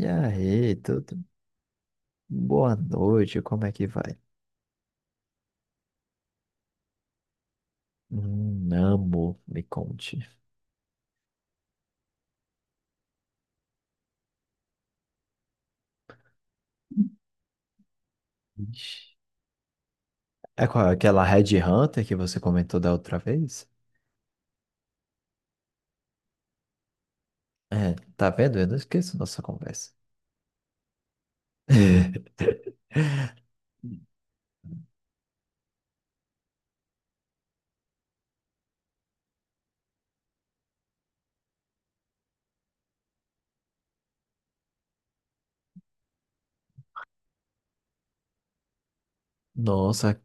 E aí, tudo? Boa noite, como é que vai? Amo, me conte. Ixi. É qual- aquela Red Hunter que você comentou da outra vez? É, tá vendo? Eu não esqueço nossa conversa. Nossa,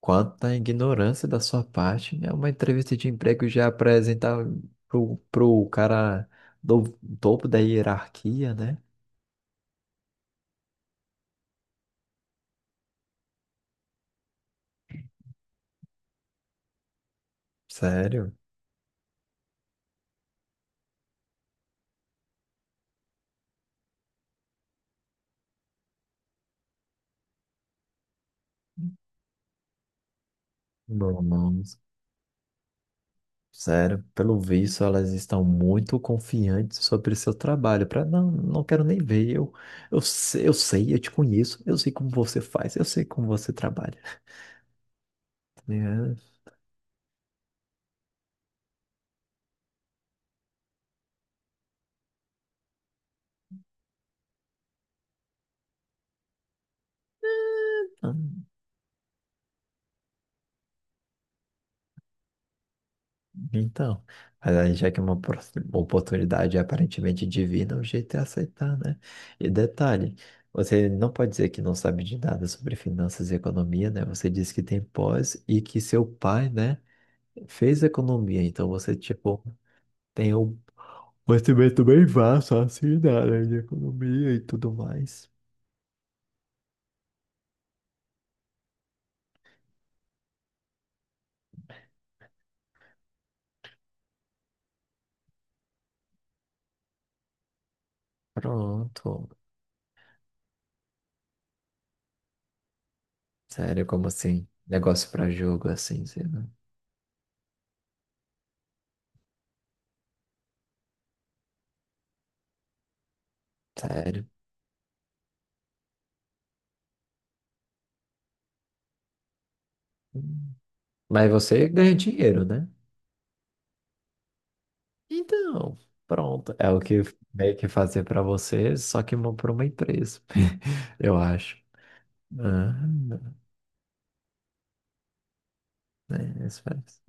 quanta ignorância da sua parte. É uma entrevista de emprego já apresentar pro cara do topo da hierarquia, né? Sério? Bom, não. Sério, pelo visto, elas estão muito confiantes sobre seu trabalho. Para não quero nem ver. Eu sei, eu te conheço, eu sei como você faz, eu sei como você trabalha. Tá. Ah, então, mas aí já que é uma oportunidade aparentemente divina, o jeito é aceitar, né? E detalhe, você não pode dizer que não sabe de nada sobre finanças e economia, né? Você disse que tem pós e que seu pai, né, fez economia. Então você, tipo, tem o, mas também, também vasto assim, na área de economia e tudo mais. Pronto. Sério, como assim? Negócio pra jogo assim, sei lá. Sério. Hum. Mas você ganha dinheiro, né? Então, pronto. É o que meio que fazer pra você, só que mão pra uma empresa. Eu acho. Ah, é, isso parece.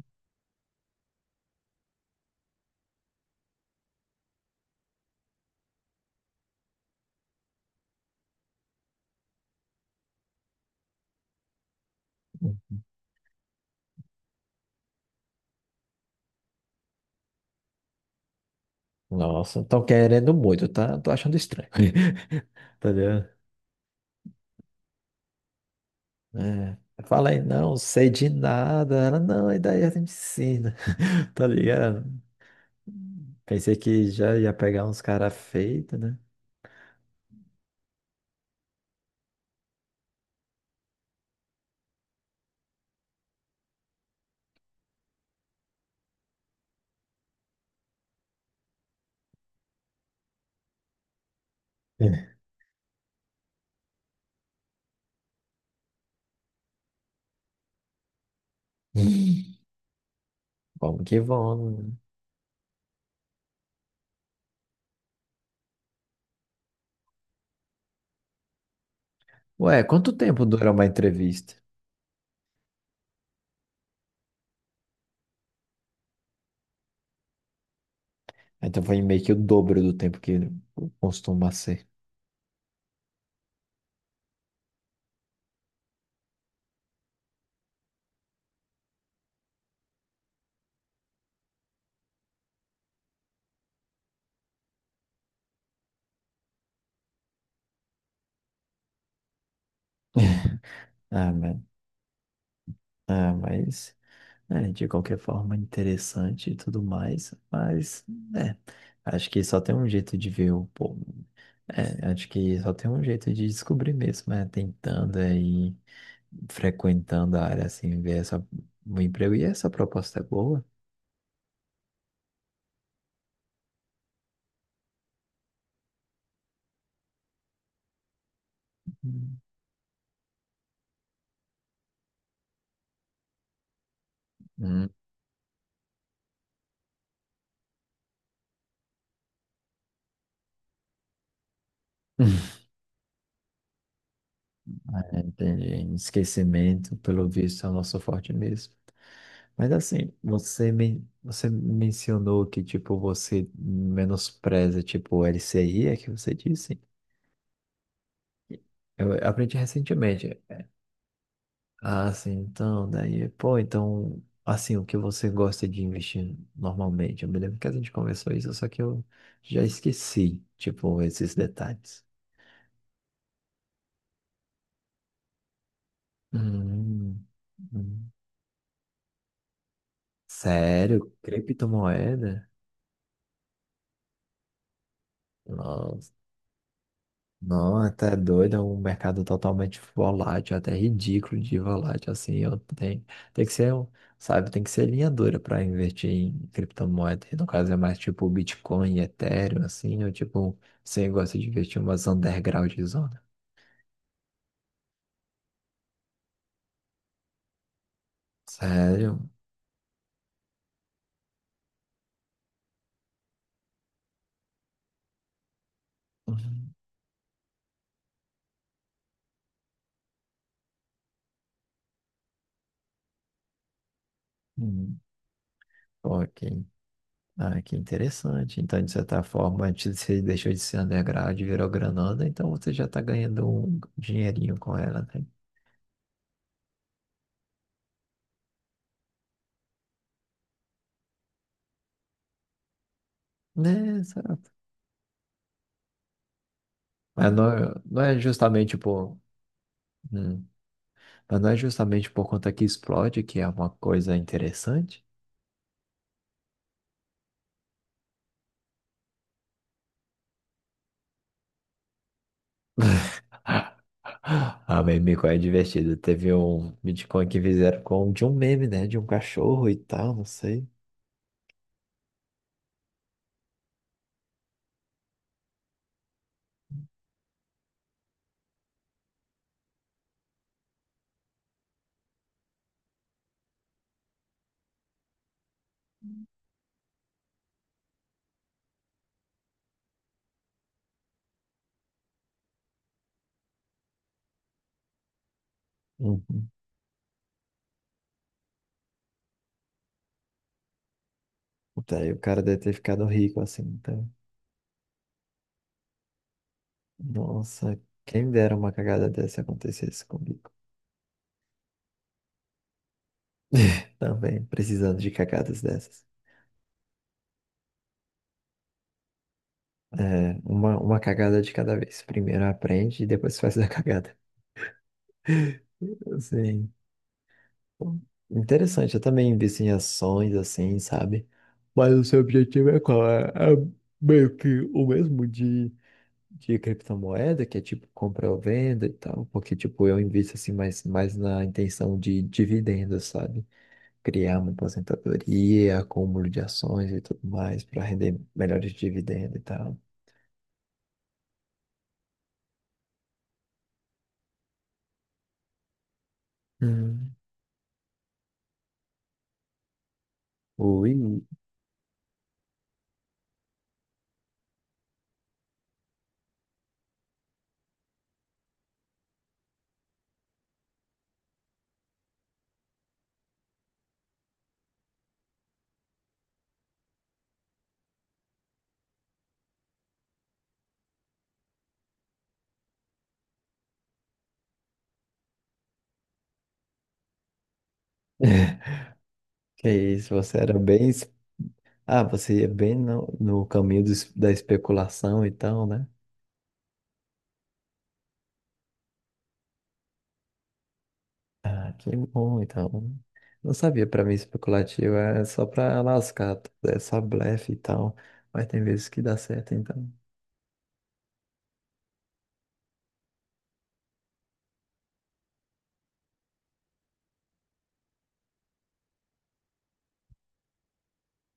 Nossa, estão querendo muito, tá? Tô achando estranho. Entendeu? É. Eu falei, não sei de nada. Ela, não, e daí ela me ensina, tá ligado? Pensei que já ia pegar uns caras feitos, né? É. Vamos que vamos, né? Ué, quanto tempo dura uma entrevista? Então foi meio que o dobro do tempo que costuma ser. Ah, mas, ah, mas é, de qualquer forma interessante e tudo mais, mas é, acho que só tem um jeito de ver o, povo. É, acho que só tem um jeito de descobrir mesmo, é tentando aí, frequentando a área assim, ver essa, o emprego. E essa proposta é boa? Hum. Hum. É, entendi. Esquecimento, pelo visto, é o nosso forte mesmo. Mas assim, você, men você mencionou que, tipo, você menospreza, tipo, o LCI, é que você disse? Eu aprendi recentemente. Ah, sim, então, daí, pô, então, assim, o que você gosta de investir normalmente? Eu me lembro que a gente conversou isso, só que eu já esqueci, tipo, esses detalhes. Hum, hum. Sério? Criptomoeda? Nossa. Não, tá doido, é um mercado totalmente volátil, até ridículo de volátil, assim, eu tenho, tem que ser, um- sabe, tem que ser linha dura para investir em criptomoeda, e no caso é mais tipo Bitcoin, Ethereum, assim, ou tipo, você gosta de investir em umas underground zona. Sério? Uhum. Hum, pô, que, ah, que interessante, então de certa forma, antes você deixou de ser underground e virou granada, então você já tá ganhando um dinheirinho com ela, né? Né, mas não é justamente por. Hum, mas não é justamente por conta que explode, que é uma coisa interessante. Ah, meme é divertido. Teve um Bitcoin que fizeram com de um meme, né? De um cachorro e tal, não sei. Uhum. Daí o cara deve ter ficado rico assim. Então, nossa, quem dera uma cagada dessa acontecesse comigo. Também, precisando de cagadas dessas. É, uma cagada de cada vez. Primeiro aprende e depois faz a cagada. Sim. Hum, interessante, eu também invisto em ações assim, sabe? Mas o seu objetivo é qual? É meio que o mesmo de criptomoeda, que é tipo compra ou venda e tal, porque tipo eu invisto assim mais, mais na intenção de dividendos, sabe? Criar uma aposentadoria, acúmulo de ações e tudo mais para render melhores dividendos e tal. Hum. Ui, que isso, você era bem. Es- ah, você ia bem no, no caminho do es- da especulação e tal, né? Ah, que bom, então. Não sabia, pra mim especulativo é só pra lascar, é só blefe e tal. Mas tem vezes que dá certo, então.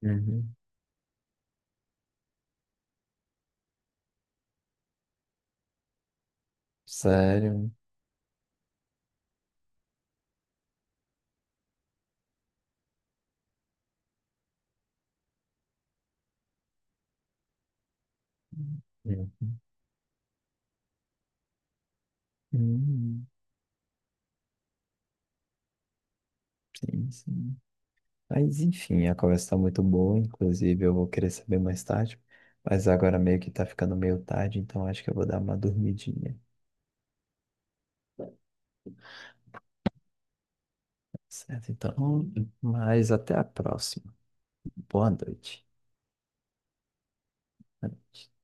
Uhum. Sério. Uhum. Hum, sim. Mas enfim, a conversa tá muito boa, inclusive eu vou querer saber mais tarde. Mas agora meio que tá ficando meio tarde, então acho que eu vou dar uma dormidinha. Certo, então. Mas até a próxima. Boa noite. Boa noite.